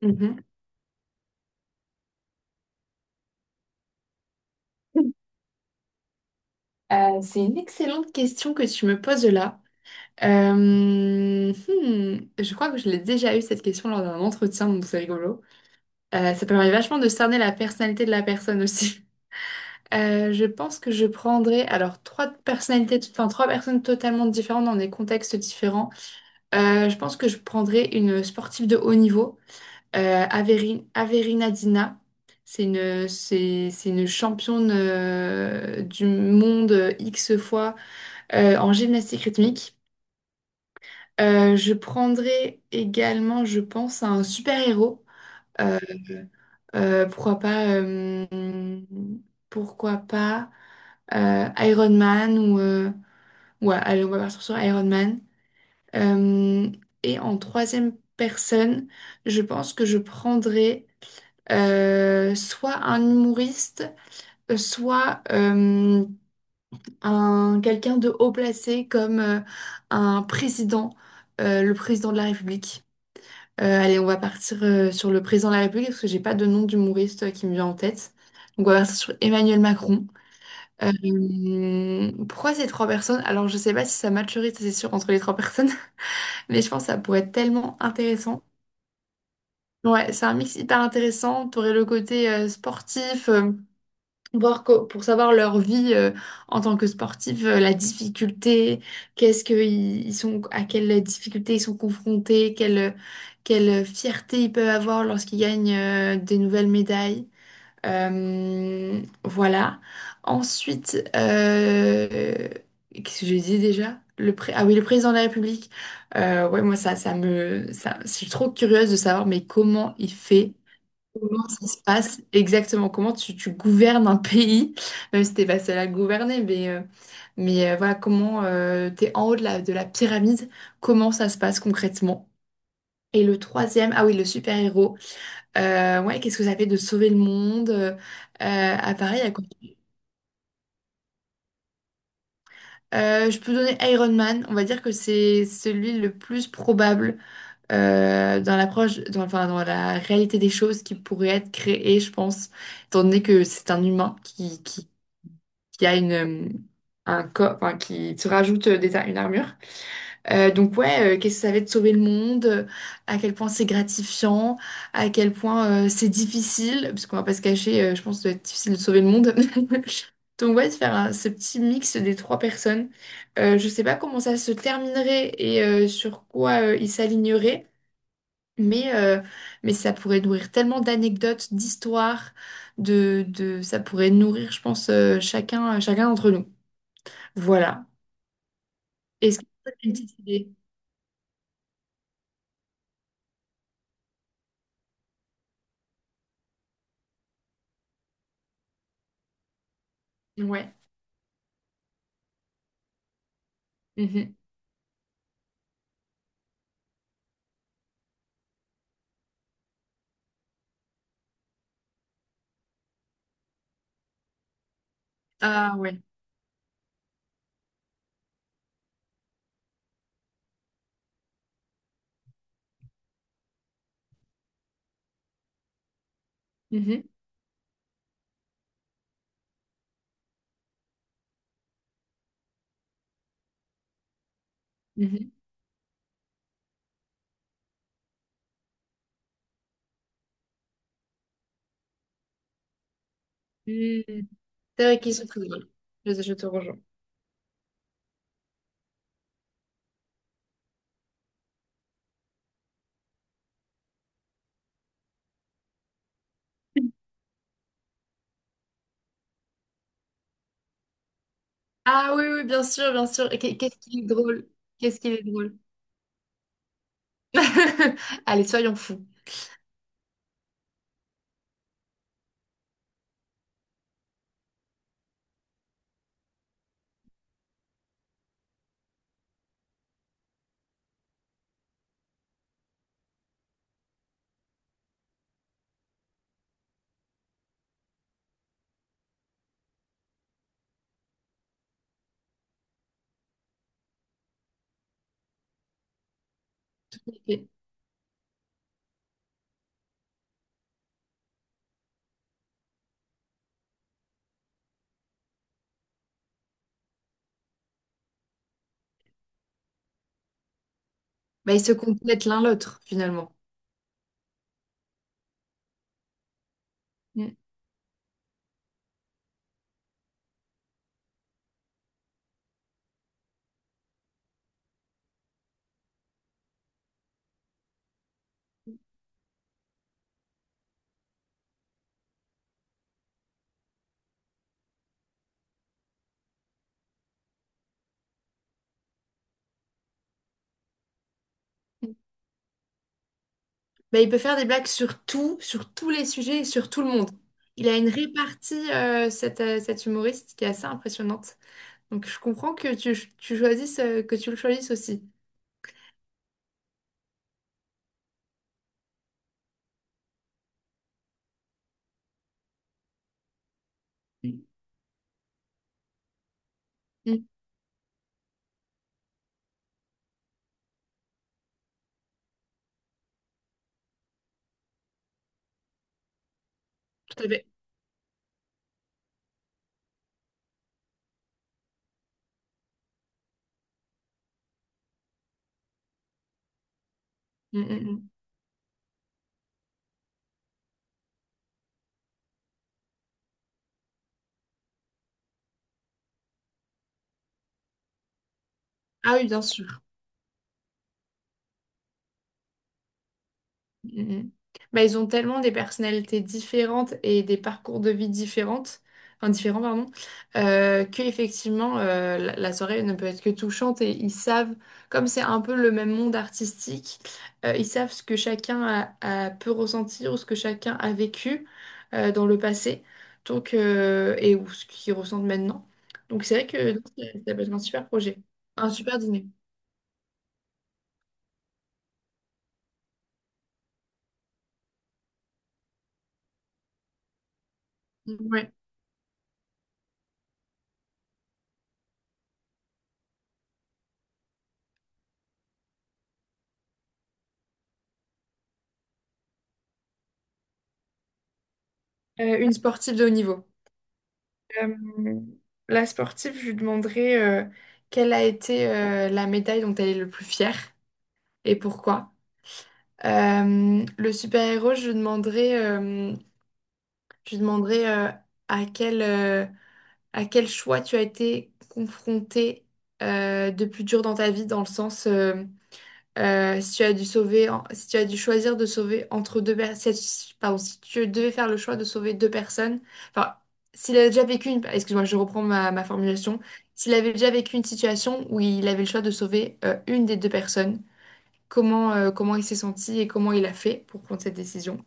Mhm. C'est une excellente question que tu me poses là. Euh, hmm, je crois que je l'ai déjà eu cette question lors d'un entretien, donc c'est rigolo. Ça permet vachement de cerner la personnalité de la personne aussi. Je pense que je prendrais alors trois personnalités, enfin trois personnes totalement différentes dans des contextes différents. Je pense que je prendrais une sportive de haut niveau, Averina Dina. C'est une championne du monde X fois, en gymnastique rythmique. Je prendrai également, je pense, un super-héros. Euh, euh, pourquoi pas, euh, Pourquoi pas Iron Man ou... ouais, allez, on va partir sur Iron Man. Euh, et en troisième personne, je pense que je prendrai soit un humoriste, soit un quelqu'un de haut placé comme un président, le président de la République. Allez, on va partir sur le président de la République parce que j'ai pas de nom d'humoriste qui me vient en tête. Donc on va partir sur Emmanuel Macron. Pourquoi ces trois personnes? Alors je sais pas si ça matcherait, ça, c'est sûr, entre les trois personnes, mais je pense que ça pourrait être tellement intéressant. Ouais, c'est un mix hyper intéressant. T'aurais le côté sportif, pour savoir leur vie en tant que sportif, la difficulté, qu'est-ce que ils sont, à quelle difficulté ils sont confrontés, quelle fierté ils peuvent avoir lorsqu'ils gagnent des nouvelles médailles. Voilà. Ensuite, qu'est-ce que j'ai dit déjà? Ah oui, le président de la République. Ouais, moi je suis trop curieuse de savoir, mais comment il fait? Comment ça se passe exactement? Comment tu gouvernes un pays, même si t'es pas seule à le gouverner, mais, voilà, comment tu t'es en haut de la pyramide, comment ça se passe concrètement? Et le troisième, ah oui, le super-héros. Ouais, qu'est-ce que ça fait de sauver le monde? À Paris, à quoi? Je peux donner Iron Man. On va dire que c'est celui le plus probable dans l'approche, dans, enfin, dans la réalité des choses qui pourrait être créée, je pense, étant donné que c'est un humain qui a une, un corps, enfin, qui te rajoute une armure. Donc ouais, qu'est-ce que ça va être de sauver le monde, à quel point c'est gratifiant, à quel point c'est difficile, parce qu'on va pas se cacher, je pense que ça doit être difficile de sauver le monde. Donc ouais, ce petit mix des trois personnes. Je sais pas comment ça se terminerait et sur quoi ils s'aligneraient, mais, mais, ça pourrait nourrir tellement d'anecdotes, d'histoires, ça pourrait nourrir, je pense, chacun d'entre nous. Voilà. Est-ce que tu as une petite idée? Ouais. Mhm. Ah ouais. Mhm. Mhm. Mhm. C'est vrai qu'ils sont très drôles. Je te rejoins. Ah oui, oui, bien sûr, bien sûr. Qu'est-ce qu'il est drôle? Qu'est-ce qu'il est drôle? Allez, soyons fous. Ok. Bah, ils se complètent l'un l'autre, finalement. Mm. Bah, il peut faire des blagues sur tout, sur tous les sujets, et sur tout le monde. Il a une répartie, cet humoriste, qui est assez impressionnante. Donc, je comprends que que tu le choisisses aussi. Mm. Mm. Tout à fait. Mm, mm, mm. Ah oui, bien sûr. Mm, mm, mm. Bah, ils ont tellement des personnalités différentes et des parcours de vie différentes, enfin, différents, pardon, que effectivement la soirée ne peut être que touchante et ils savent, comme c'est un peu le même monde artistique, ils savent ce que chacun a peut ressentir ou ce que chacun a vécu dans le passé, donc et ou ce qu'ils ressentent maintenant. Donc c'est vrai que ça peut être un super projet, un super dîner. Ouais. Une sportive de haut niveau. Euh, la sportive, je lui demanderai quelle a été la médaille dont elle est le plus fière et pourquoi. Le super-héros, je lui demanderai à quel, euh, à quel choix tu as été confronté de plus dur dans ta vie, dans le sens si tu as dû sauver, si tu as dû choisir de sauver entre deux personnes, si, pardon, si tu devais faire le choix de sauver deux personnes, enfin, s'il avait déjà vécu une, excuse-moi, je reprends ma formulation, s'il avait déjà vécu une situation où il avait le choix de sauver une des deux personnes, comment il s'est senti et comment il a fait pour prendre cette décision?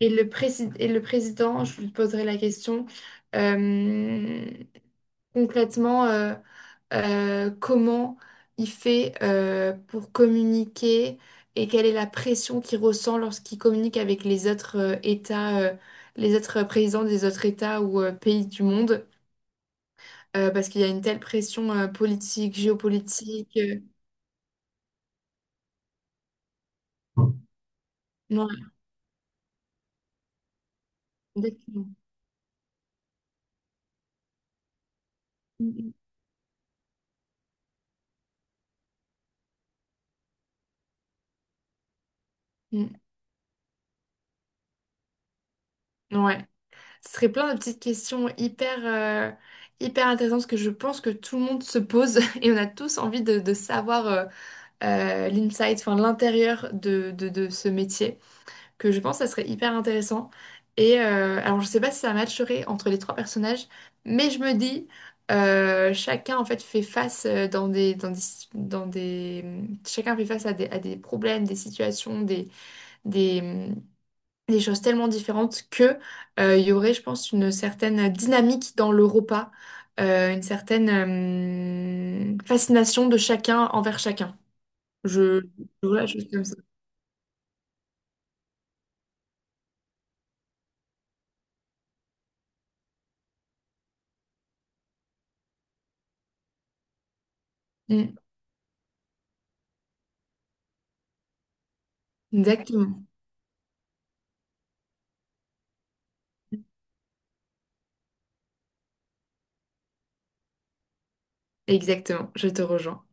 Et le président, je lui poserai la question, euh, concrètement, comment il fait pour communiquer et quelle est la pression qu'il ressent lorsqu'il communique avec les autres États, les autres présidents des autres États ou pays du monde, parce qu'il y a une telle pression politique, géopolitique, ouais, exactement. Mm, mm, mm. Ouais. Ce serait plein de petites questions hyper intéressantes que je pense que tout le monde se pose et on a tous envie de savoir l'inside, enfin l'intérieur de, de ce métier, que je pense que ça serait hyper intéressant. Et alors, je sais pas si ça matcherait entre les trois personnages, mais je me dis, chacun en fait fait face dans des, chacun fait face à des problèmes, des situations, des, des choses tellement différentes que il y aurait, je pense, une certaine dynamique dans le repas, une certaine fascination de chacun envers chacun. Je, je vois la chose comme ça. Mm. Exactement. Exactement, je te rejoins.